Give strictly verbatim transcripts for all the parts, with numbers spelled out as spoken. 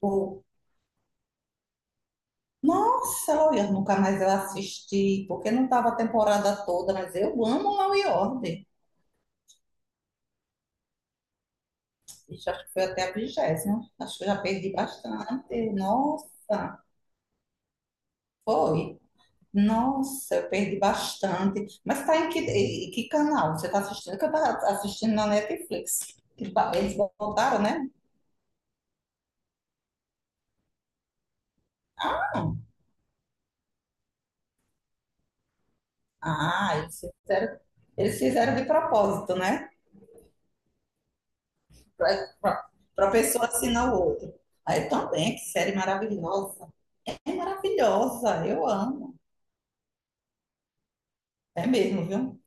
Pô, nossa, Law e Order, nunca mais eu assisti, porque não estava a temporada toda, mas eu amo Law e Order. Ixi, acho que foi até a vigésima. Acho que eu já perdi bastante. Nossa, foi. Nossa, eu perdi bastante. Mas tá em que, em que canal você está assistindo? Que eu estava assistindo na Netflix. Que ba- Eles voltaram, né? Ah, eles fizeram, eles fizeram de propósito, né? Para a pessoa assinar o outro. Aí também, que série maravilhosa. É maravilhosa, eu amo. É mesmo, viu?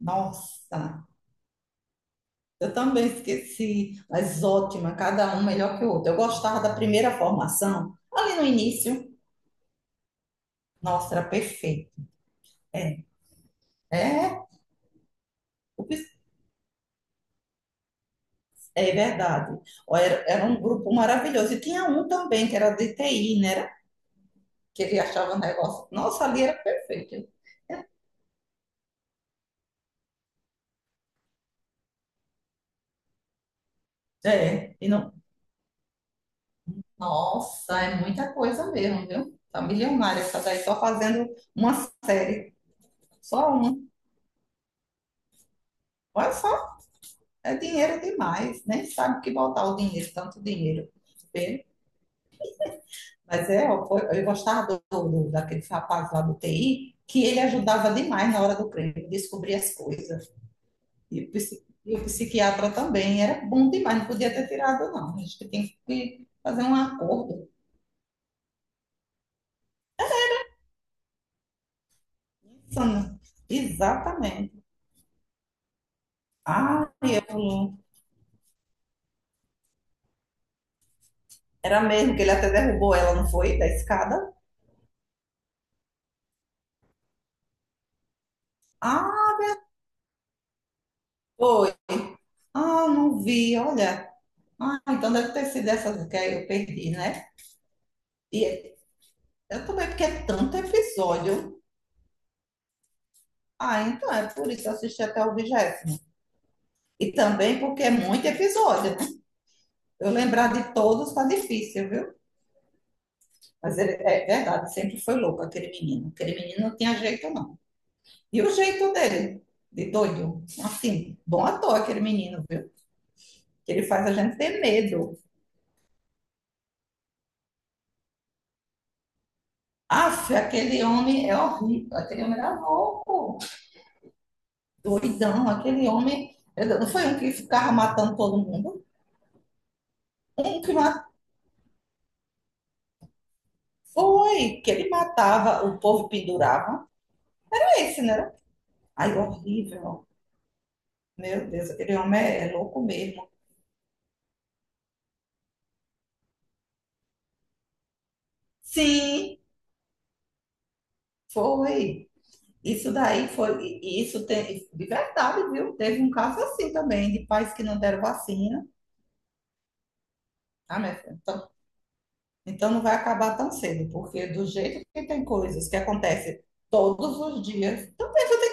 Nossa, eu também esqueci, mas ótima, cada um melhor que o outro. Eu gostava da primeira formação, ali no início. Nossa, era perfeito. É, é, o pis- é verdade. Ó, era, era um grupo maravilhoso. E tinha um também que era de T I, né? Era? Que ele achava um negócio. Nossa, ali era perfeito. É, e não. Nossa, é muita coisa mesmo, viu? Tá milionária essa daí, só fazendo uma série. Só uma. Olha, é dinheiro demais, nem sabe o que botar o dinheiro, tanto dinheiro. Mas é, eu, eu gostava do, do, daquele rapaz lá do T I, que ele ajudava demais na hora do crime, descobrir as coisas. E o, psiqui- e o psiquiatra também, era bom demais, não podia ter tirado, não. A gente tem que fazer um acordo. Exatamente. Ah, eu... era mesmo que ele até derrubou ela, não foi? Da escada? Ah, foi. Ah, não vi, olha. Ah, então deve ter sido essas que eu perdi, né? E é- eu também, porque é tanto episódio. Ah, então é por isso que eu assisti até o vigésimo. E também porque é muito episódio, né? Eu lembrar de todos tá difícil, viu? Mas ele, é verdade, sempre foi louco aquele menino. Aquele menino não tinha jeito, não. E o jeito dele, de doido. Assim, bom ator aquele menino, viu? Que ele faz a gente ter medo. Aff, aquele homem é horrível. Aquele homem era louco. Doidão, aquele homem. Não foi um que ficava matando todo mundo? Um que matou. Foi, que ele matava, o povo pendurava. Era esse, né? Ai, horrível. Meu Deus, aquele homem é, é louco mesmo. Sim, foi. Isso daí foi. E isso tem, de verdade, viu? Teve um caso assim também, de pais que não deram vacina. Tá, minha filha? Então, então não vai acabar tão cedo, porque do jeito que tem coisas que acontecem todos os dias, então pensa, tem.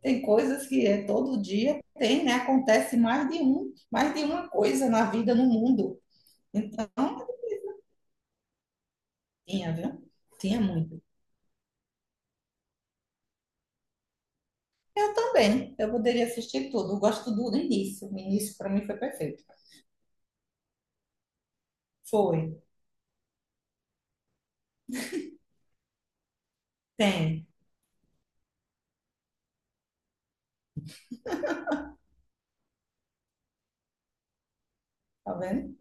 Tem coisas que é todo dia tem, né? Acontece mais de um, mais de uma coisa na vida, no mundo. Então, tinha, viu? Tinha muito. Eu também. Eu poderia assistir tudo. Eu gosto do início. O início para mim foi perfeito. Foi. Tem. Tá vendo?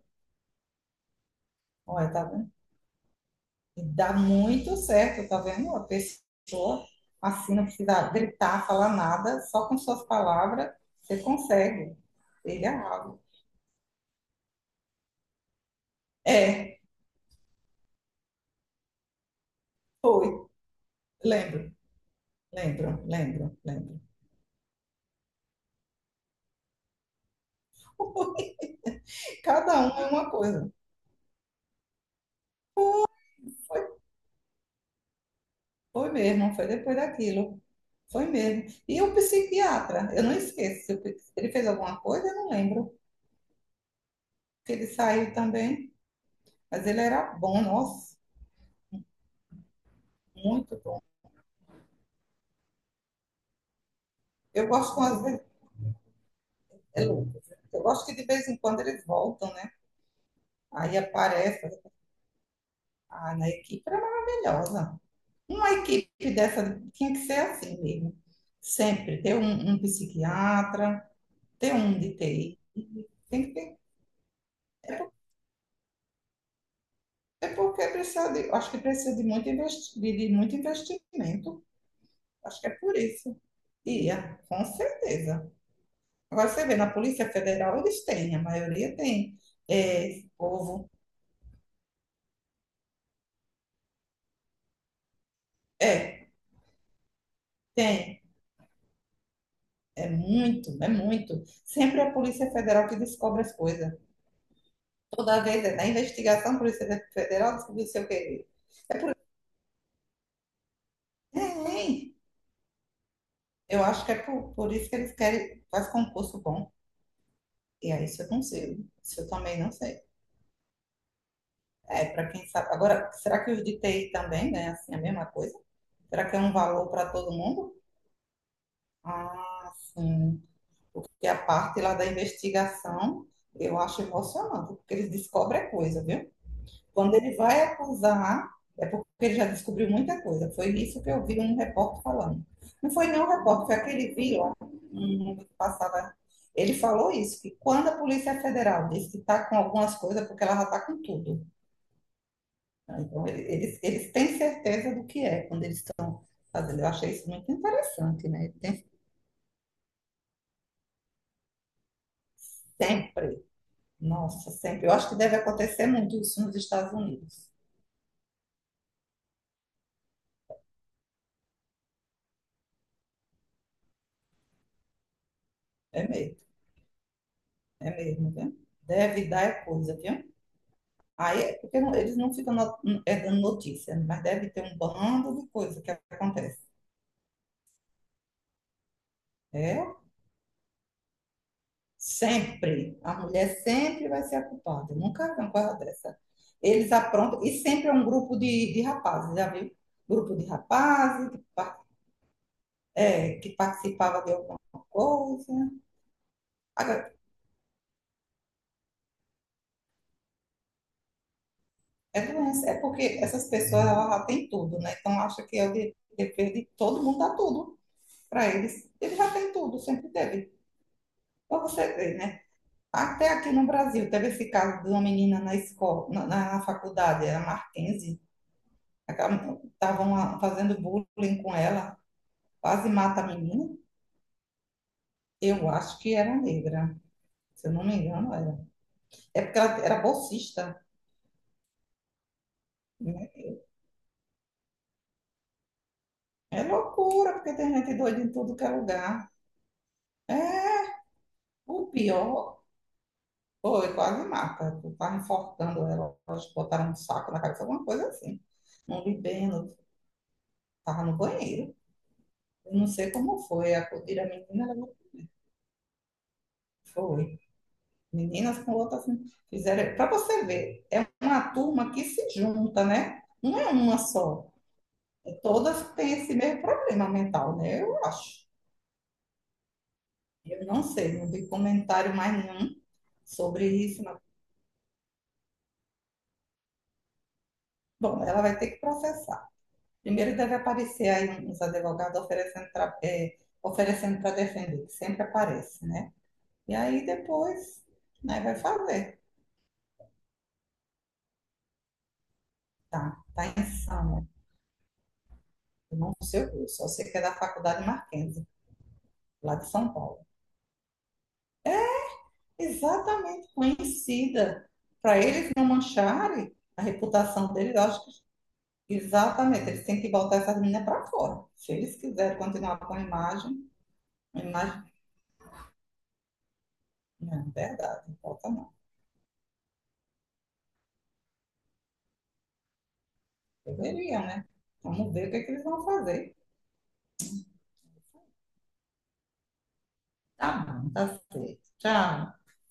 Olha, tá vendo? E dá muito certo, tá vendo? A pessoa assim não precisa gritar, falar nada, só com suas palavras você consegue. Ele é algo. É, foi. Lembro, lembro, lembro, lembro. Cada um é uma coisa. Foi, foi mesmo, foi depois daquilo. Foi mesmo. E o psiquiatra, eu não esqueço. Se o pi- se ele fez alguma coisa, eu não lembro. Que ele saiu também, mas ele era bom, nossa, muito bom. Eu gosto, quando, às vezes, é louco, né? Eu gosto que de vez em quando eles voltam, né? Aí aparece, ah, na equipe era maravilhosa. Uma equipe dessa tinha que ser assim mesmo. Sempre ter um, um psiquiatra, ter um de T I. Tem que ter. É. É porque precisa de, acho que precisa de muito, investi- de, de muito investimento. Acho que é por isso. Ia, com certeza. Agora você vê, na Polícia Federal eles têm, a maioria tem. É, esse povo, é, tem. É muito, é muito. Sempre é a Polícia Federal que descobre as coisas. Toda vez é na investigação, a Polícia Federal descobriu sei o quê. É, tem. Eu acho que é por, por isso que eles querem, faz concurso bom. E aí, isso eu não sei. Isso eu também não sei. É, para quem sabe. Agora, será que os de T I também ganham assim a mesma coisa? Será que é um valor para todo mundo? Ah, sim. Porque a parte lá da investigação eu acho emocionante, porque eles descobrem coisa, viu? Quando ele vai acusar, é porque ele já descobriu muita coisa. Foi isso que eu vi um repórter falando. Não foi nem nenhum repórter, foi aquele vilão hum, que passava. Ele falou isso, que quando a Polícia Federal disse que está com algumas coisas, é porque ela já está com tudo. Então, eles, eles têm certeza do que é quando eles estão fazendo. Eu achei isso muito interessante, né? Tem sempre, nossa, sempre. Eu acho que deve acontecer muito isso nos Estados Unidos. É mesmo, é mesmo, viu? Deve dar é coisa, viu? Aí, é porque não- eles não ficam no- é, dando notícia, né? Mas deve ter um bando de coisa que acontece. É, sempre. A mulher sempre vai ser a culpada. Nunca vi uma coisa dessa. Eles aprontam, e sempre é um grupo de, de rapazes, já viu? Grupo de rapazes que é, que participava de alguma coisa. Agora, é doença, é porque essas pessoas elas já têm tudo, né? Então acha que é o de- dever de todo mundo dar tudo para eles. Ele já tem tudo, sempre teve. Para você ver, né? Até aqui no Brasil teve esse caso de uma menina na escola, na, na faculdade, era Marquense, estavam fazendo bullying com ela, quase mata a menina. Eu acho que era negra, se eu não me engano, era. É porque ela era bolsista. É loucura, porque tem gente doida em tudo que é lugar. É o pior. Foi, quase mata. Eu tava enforcando ela. Elas botaram um saco na cabeça, alguma coisa assim. Não vi bem, não- tava no banheiro. Eu não sei como foi. Acudiram a menina, ela não foi. Meninas com outras assim, fizeram. Para você ver, é uma turma que se junta, né? Não é uma só. É, todas têm esse mesmo problema mental, né? Eu acho. Eu não sei, não vi comentário mais nenhum sobre isso. Bom, ela vai ter que processar. Primeiro deve aparecer aí uns advogados oferecendo para é, oferecendo para defender, que sempre aparece, né? E aí depois, né, vai fazer. Tá, tá insano. Eu não sei o curso, eu sei que é da Faculdade Marquense, lá de São Paulo. Exatamente conhecida. Para eles não mancharem a reputação deles, eu acho que exatamente, eles têm que botar essas meninas para fora. Se eles quiserem continuar com a imagem, a imagem não é verdade, não importa não. Deveriam, né? Vamos ver o que, é que eles vão fazer. Tá bom, tá certo. Tchau.